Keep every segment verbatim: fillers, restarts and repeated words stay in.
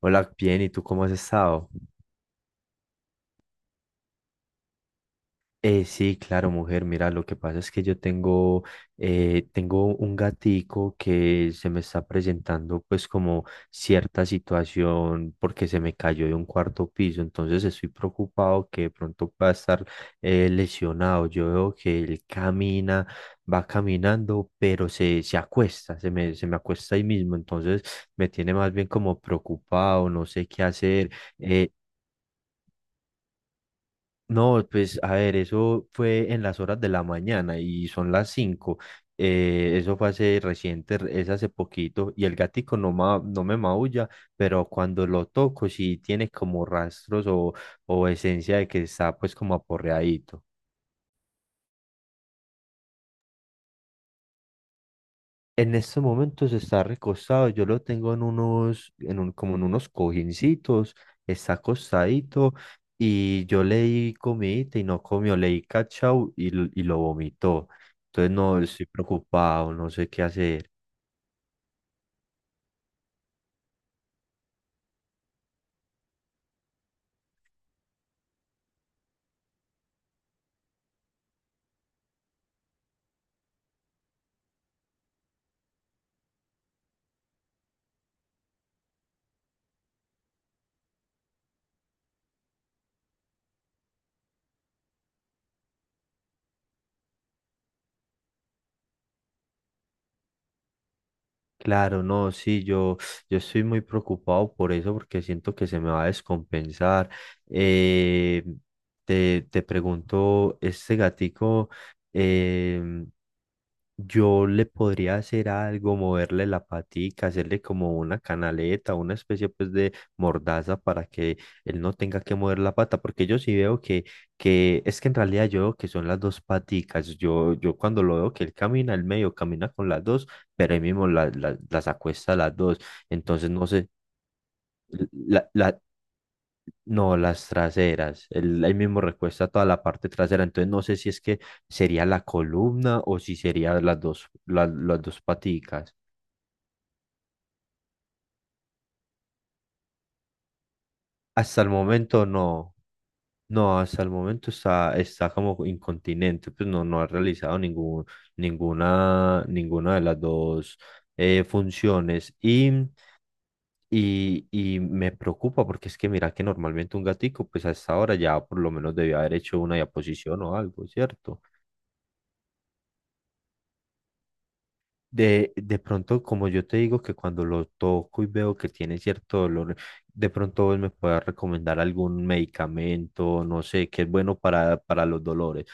Hola, bien, ¿y tú cómo has estado? Eh, sí, claro, mujer, mira, lo que pasa es que yo tengo, eh, tengo un gatico que se me está presentando pues como cierta situación porque se me cayó de un cuarto piso. Entonces estoy preocupado que de pronto pueda estar eh, lesionado. Yo veo que él camina, va caminando, pero se, se acuesta, se me, se me acuesta ahí mismo. Entonces me tiene más bien como preocupado, no sé qué hacer. eh, No, pues a ver, eso fue en las horas de la mañana y son las cinco. Eh, eso fue hace reciente, re- es hace poquito y el gatico no, ma- no me maulla, pero cuando lo toco sí tiene como rastros o, o esencia de que está pues como aporreadito. En estos momentos está recostado, yo lo tengo en unos, en un, como en unos cojincitos, está acostadito y yo le di comidita y no comió, le di cachao y, l- y lo vomitó. Entonces no, estoy preocupado, no sé qué hacer. Claro, no, sí, yo, yo estoy muy preocupado por eso porque siento que se me va a descompensar. Eh, te, Te pregunto, este gatico... em, Yo le podría hacer algo, moverle la patica, hacerle como una canaleta, una especie pues de mordaza para que él no tenga que mover la pata, porque yo sí veo que, que es que en realidad yo veo que son las dos paticas. Yo, yo cuando lo veo que él camina, él medio camina con las dos, pero él mismo la- la- las acuesta a las dos. Entonces no sé, la, la, no, las traseras. El, ahí mismo recuesta toda la parte trasera. Entonces no sé si es que sería la columna o si serían las dos, la- las dos paticas. Hasta el momento no. No, hasta el momento está, está como incontinente. Pues no, no ha realizado ningún, ninguna, ninguna de las dos eh, funciones. Y, y, y me preocupa porque es que mira que normalmente un gatico, pues a esta hora ya por lo menos debió haber hecho una diaposición o algo, ¿cierto? De, de pronto, como yo te digo que cuando lo toco y veo que tiene cierto dolor, de pronto vos me puedas recomendar algún medicamento, no sé, que es bueno para, para los dolores.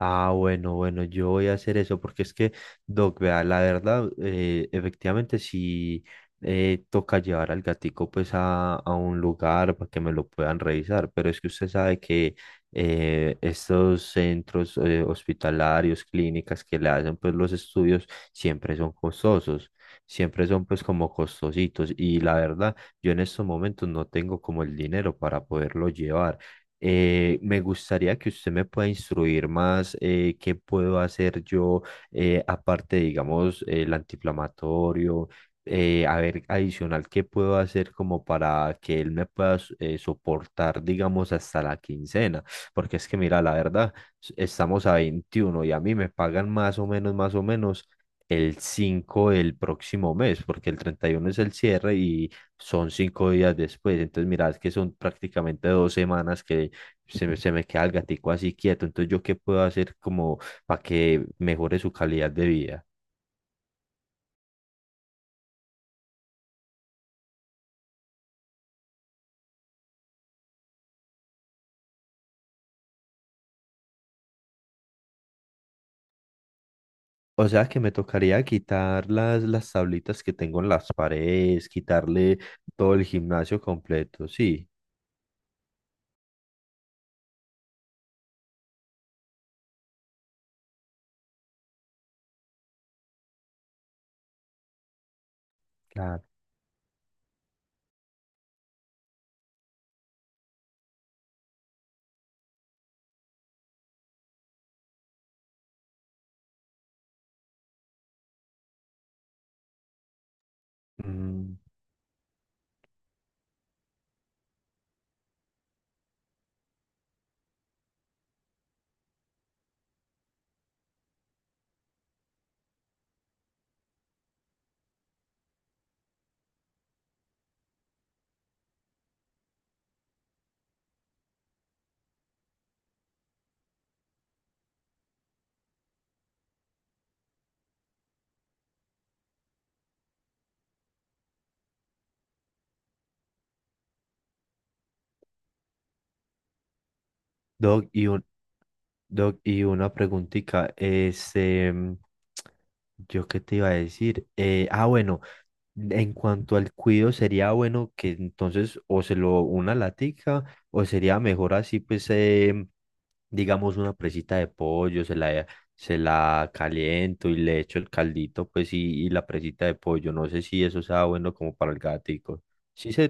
Ah, bueno, bueno, yo voy a hacer eso porque es que, Doc, vea, la verdad, eh, efectivamente sí eh, toca llevar al gatico pues a, a un lugar para que me lo puedan revisar, pero es que usted sabe que eh, estos centros eh, hospitalarios, clínicas que le hacen pues los estudios siempre son costosos, siempre son pues como costositos y la verdad, yo en estos momentos no tengo como el dinero para poderlo llevar. Eh, me gustaría que usted me pueda instruir más eh, qué puedo hacer yo, eh, aparte, digamos, el antiinflamatorio, eh, a ver, adicional, qué puedo hacer como para que él me pueda s- eh, soportar, digamos, hasta la quincena, porque es que, mira, la verdad, s- estamos a veintiuno y a mí me pagan más o menos, más o menos el cinco del próximo mes, porque el treinta y uno es el cierre y son cinco días después. Entonces, mira, es que son prácticamente dos semanas que se me, se me queda el gatico así quieto. Entonces yo qué puedo hacer como para que mejore su calidad de vida. O sea que me tocaría quitar las, las tablitas que tengo en las paredes, quitarle todo el gimnasio completo, sí, claro. Mm, Doc, y, un- Doc, y una preguntita, este, mm, yo qué te iba a decir. Eh, ah, bueno, en cuanto al cuido, sería bueno que entonces o se lo una latica, o sería mejor así, pues, eh, digamos, una presita de pollo, se la, se la caliento y le echo el caldito, pues, y, y la presita de pollo, no sé si eso sea bueno como para el gatico. Sí, se...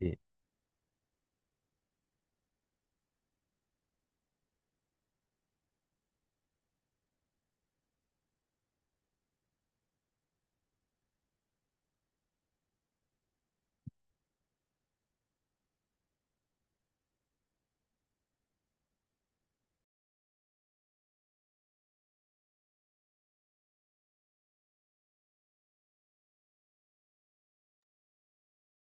eh,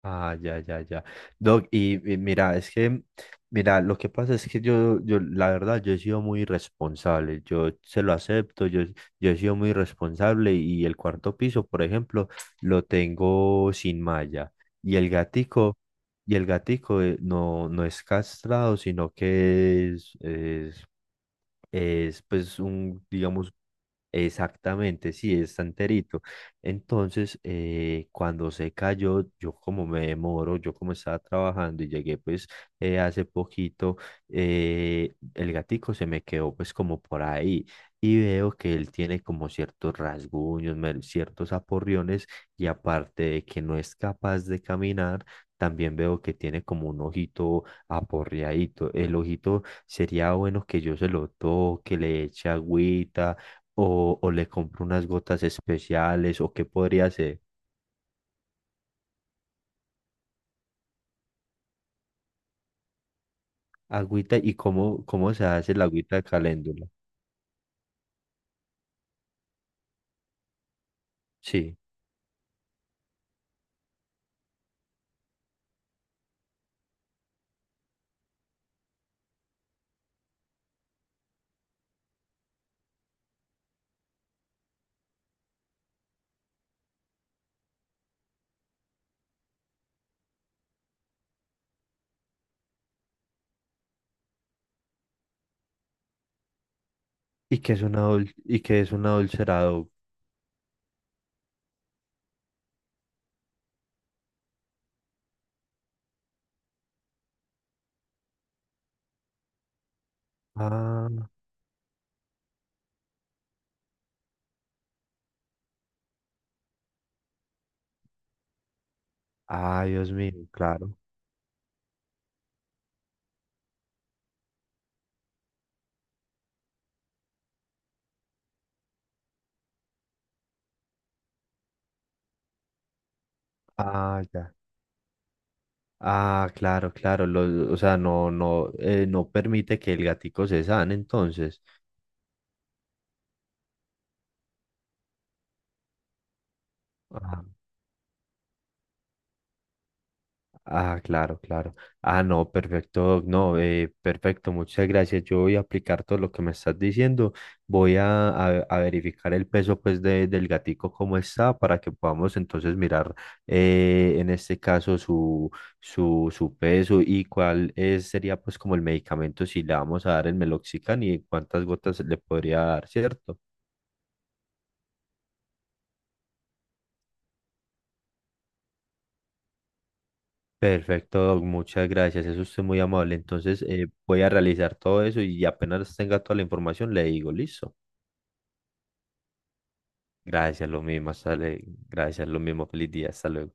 Ah, ya, ya, ya. Doc, y, y mira, es que, mira, lo que pasa es que yo, yo, la verdad, yo he sido muy irresponsable, yo se lo acepto, yo, yo he sido muy irresponsable y el cuarto piso, por ejemplo, lo tengo sin malla y el gatico, y el gatico eh, no, no es castrado, sino que es, es es pues un, digamos, exactamente, sí, está enterito. Entonces, eh, cuando se cayó, yo como me demoro, yo como estaba trabajando y llegué pues eh, hace poquito. Eh, el gatico se me quedó pues como por ahí y veo que él tiene como ciertos rasguños, mer- ciertos aporriones, y aparte de que no es capaz de caminar, también veo que tiene como un ojito aporreadito. El ojito sería bueno que yo se lo toque, le eche agüita o, o le compre unas gotas especiales o qué podría ser. Agüita y cómo, cómo se hace la agüita de caléndula. Sí. ¿Y qué es una dul- y qué es una adulcerado? Ah, ah, Dios mío, claro. Ah, ya. Ah, claro, claro. Lo- o sea, no, no, eh, no permite que el gatico se sane entonces. Ah. Ah, claro, claro. Ah, no, perfecto, no, eh, perfecto, muchas gracias. Yo voy a aplicar todo lo que me estás diciendo. Voy a, a- a verificar el peso pues de- del gatico cómo está para que podamos entonces mirar eh, en este caso su, su, su peso y cuál es, sería pues como el medicamento si le vamos a dar el meloxicam y cuántas gotas le podría dar, ¿cierto? Perfecto, Doc, muchas gracias. Eso usted muy amable. Entonces, eh, voy a realizar todo eso y apenas tenga toda la información, le digo, listo. Gracias, lo mismo, hasta le- gracias, lo mismo. Feliz día, hasta luego.